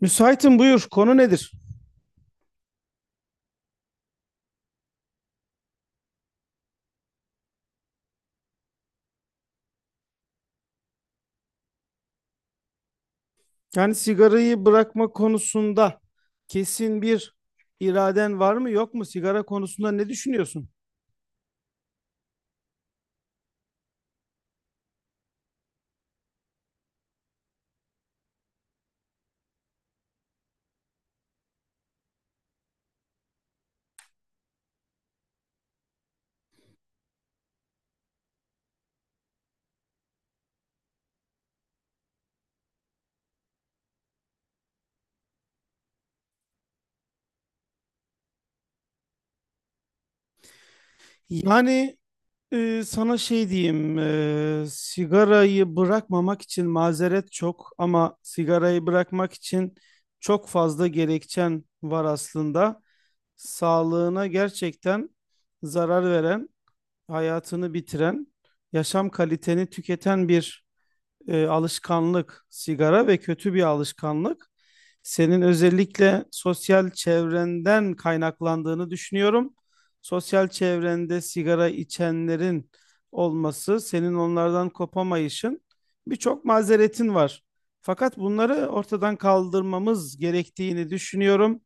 Müsaitim, buyur. Konu nedir? Yani sigarayı bırakma konusunda kesin bir iraden var mı yok mu? Sigara konusunda ne düşünüyorsun? Yani sana şey diyeyim, sigarayı bırakmamak için mazeret çok ama sigarayı bırakmak için çok fazla gerekçen var aslında. Sağlığına gerçekten zarar veren, hayatını bitiren, yaşam kaliteni tüketen bir alışkanlık, sigara ve kötü bir alışkanlık senin özellikle sosyal çevrenden kaynaklandığını düşünüyorum. Sosyal çevrende sigara içenlerin olması, senin onlardan kopamayışın, birçok mazeretin var. Fakat bunları ortadan kaldırmamız gerektiğini düşünüyorum.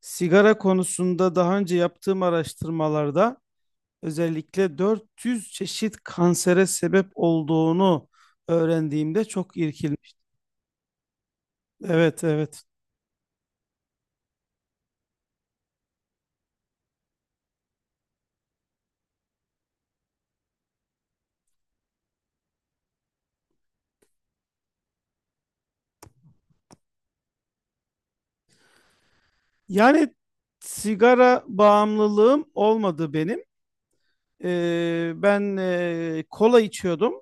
Sigara konusunda daha önce yaptığım araştırmalarda özellikle 400 çeşit kansere sebep olduğunu öğrendiğimde çok irkilmiş. Evet, evet. Yani sigara bağımlılığım olmadı benim. Ben kola içiyordum.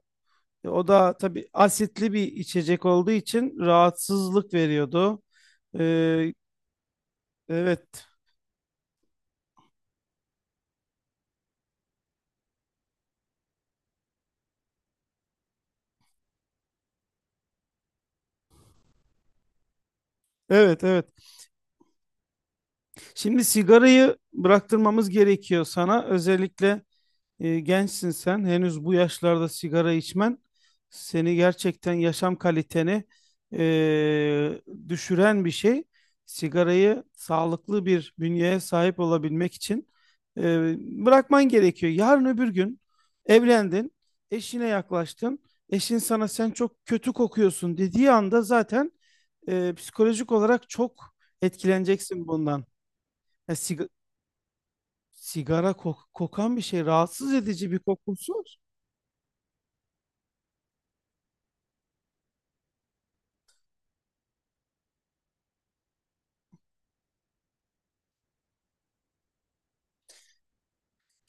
O da tabii asitli bir içecek olduğu için rahatsızlık veriyordu. Ee, evet, evet, evet. Şimdi sigarayı bıraktırmamız gerekiyor sana. Özellikle, gençsin sen. Henüz bu yaşlarda sigara içmen seni gerçekten yaşam kaliteni e, düşüren bir şey. Sigarayı sağlıklı bir bünyeye sahip olabilmek için e, bırakman gerekiyor. Yarın öbür gün evlendin, eşine yaklaştın. Eşin sana sen çok kötü kokuyorsun dediği anda zaten psikolojik olarak çok etkileneceksin bundan. Ya siga- Sigara kokan bir şey, rahatsız edici bir kokusu var.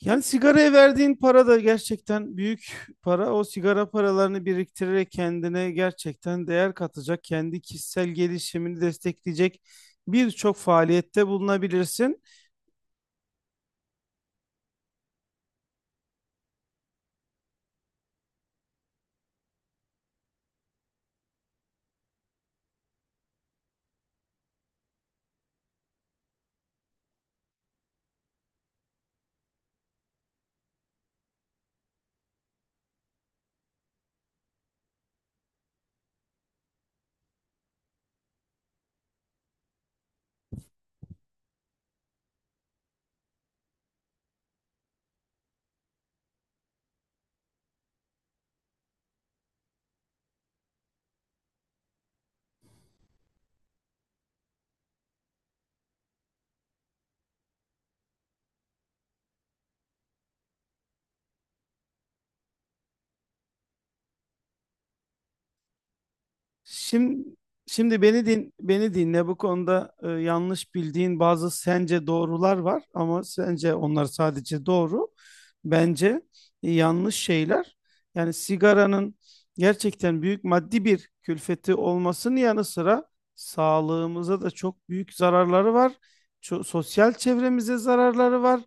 Yani sigaraya verdiğin para da gerçekten büyük para. O sigara paralarını biriktirerek kendine gerçekten değer katacak, kendi kişisel gelişimini destekleyecek birçok faaliyette bulunabilirsin. Şimdi şimdi beni dinle bu konuda. Yanlış bildiğin bazı sence doğrular var ama sence onlar sadece doğru. Bence yanlış şeyler. Yani sigaranın gerçekten büyük maddi bir külfeti olmasının yanı sıra sağlığımıza da çok büyük zararları var. Sosyal çevremize zararları var.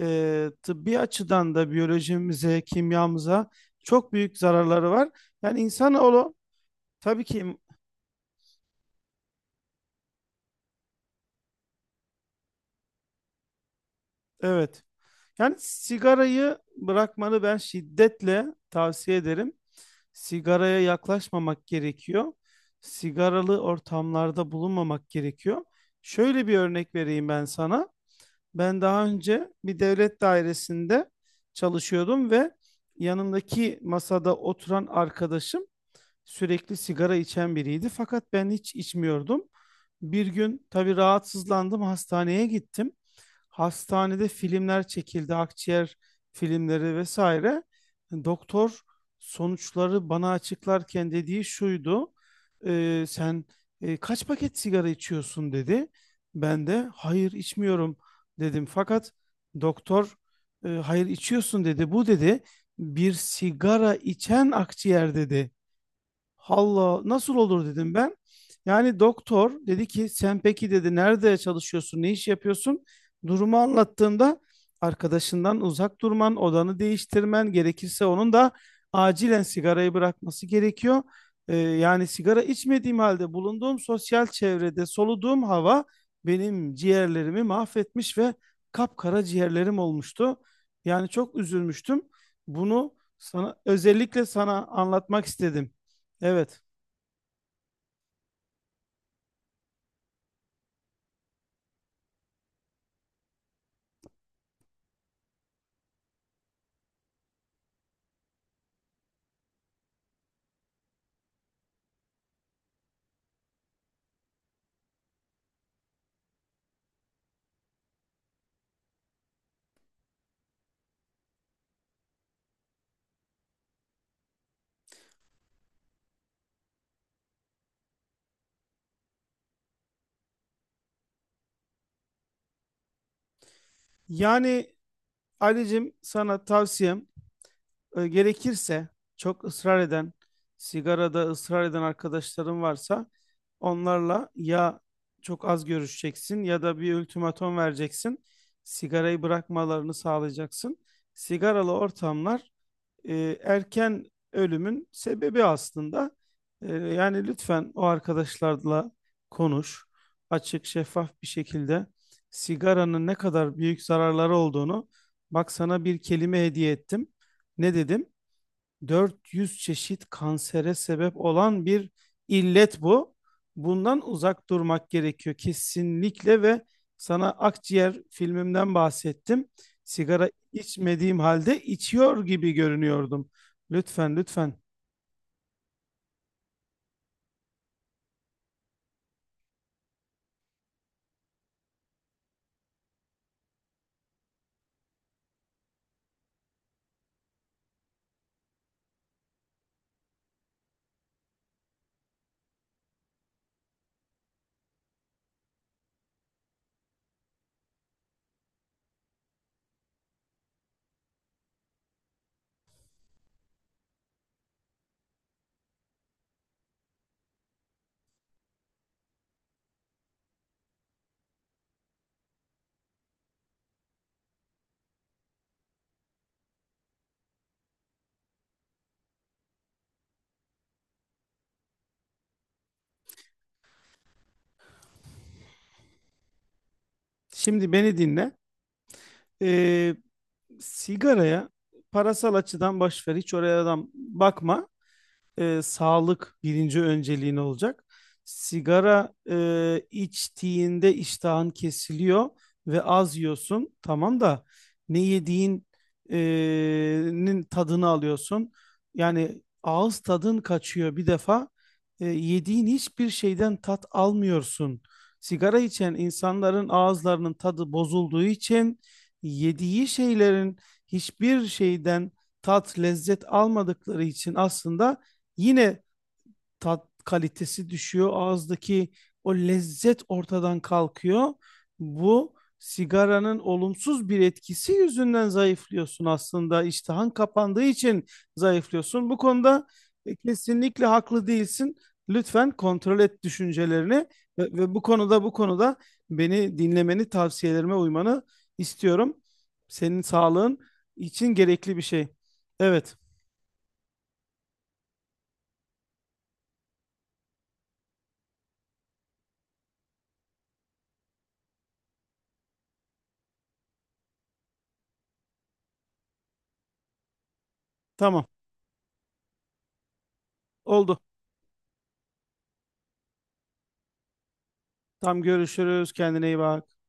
Tıbbi açıdan da biyolojimize, kimyamıza çok büyük zararları var. Yani insanoğlu, tabii ki. Evet. Yani sigarayı bırakmanı ben şiddetle tavsiye ederim. Sigaraya yaklaşmamak gerekiyor. Sigaralı ortamlarda bulunmamak gerekiyor. Şöyle bir örnek vereyim ben sana. Ben daha önce bir devlet dairesinde çalışıyordum ve yanımdaki masada oturan arkadaşım sürekli sigara içen biriydi, fakat ben hiç içmiyordum. Bir gün tabii rahatsızlandım, hastaneye gittim. Hastanede filmler çekildi, akciğer filmleri vesaire. Doktor sonuçları bana açıklarken dediği şuydu: sen kaç paket sigara içiyorsun?" dedi. Ben de "hayır, içmiyorum" dedim. Fakat doktor hayır, içiyorsun" dedi. "Bu" dedi "bir sigara içen akciğer" dedi. "Allah, nasıl olur?" dedim ben. Yani doktor dedi ki "sen peki" dedi "nerede çalışıyorsun, ne iş yapıyorsun?" Durumu anlattığımda, "arkadaşından uzak durman, odanı değiştirmen, gerekirse onun da acilen sigarayı bırakması gerekiyor." Yani sigara içmediğim halde bulunduğum sosyal çevrede soluduğum hava benim ciğerlerimi mahvetmiş ve kapkara ciğerlerim olmuştu. Yani çok üzülmüştüm. Bunu özellikle sana anlatmak istedim. Evet. Yani Ali'cim, sana tavsiyem, gerekirse çok ısrar eden, sigarada ısrar eden arkadaşların varsa, onlarla ya çok az görüşeceksin ya da bir ultimatom vereceksin. Sigarayı bırakmalarını sağlayacaksın. Sigaralı ortamlar erken ölümün sebebi aslında. Yani lütfen o arkadaşlarla konuş. Açık, şeffaf bir şekilde sigaranın ne kadar büyük zararları olduğunu, bak, sana bir kelime hediye ettim. Ne dedim? 400 çeşit kansere sebep olan bir illet bu. Bundan uzak durmak gerekiyor kesinlikle. Ve sana akciğer filmimden bahsettim. Sigara içmediğim halde içiyor gibi görünüyordum. Lütfen, lütfen. Şimdi beni dinle. Ee, sigaraya parasal açıdan boş ver, hiç oraya adam bakma. Sağlık birinci önceliğin olacak. Sigara içtiğinde iştahın kesiliyor ve az yiyorsun. Tamam da ne yediğin e, nin tadını alıyorsun. Yani ağız tadın kaçıyor bir defa. Yediğin hiçbir şeyden tat almıyorsun. Sigara içen insanların ağızlarının tadı bozulduğu için, yediği şeylerin hiçbir şeyden tat, lezzet almadıkları için aslında, yine tat kalitesi düşüyor. Ağızdaki o lezzet ortadan kalkıyor. Bu sigaranın olumsuz bir etkisi yüzünden zayıflıyorsun aslında. İştahın kapandığı için zayıflıyorsun. Bu konuda kesinlikle haklı değilsin. Lütfen kontrol et düşüncelerini, ve bu konuda beni dinlemeni, tavsiyelerime uymanı istiyorum. Senin sağlığın için gerekli bir şey. Evet, tamam. Oldu. Tam görüşürüz. Kendine iyi bak.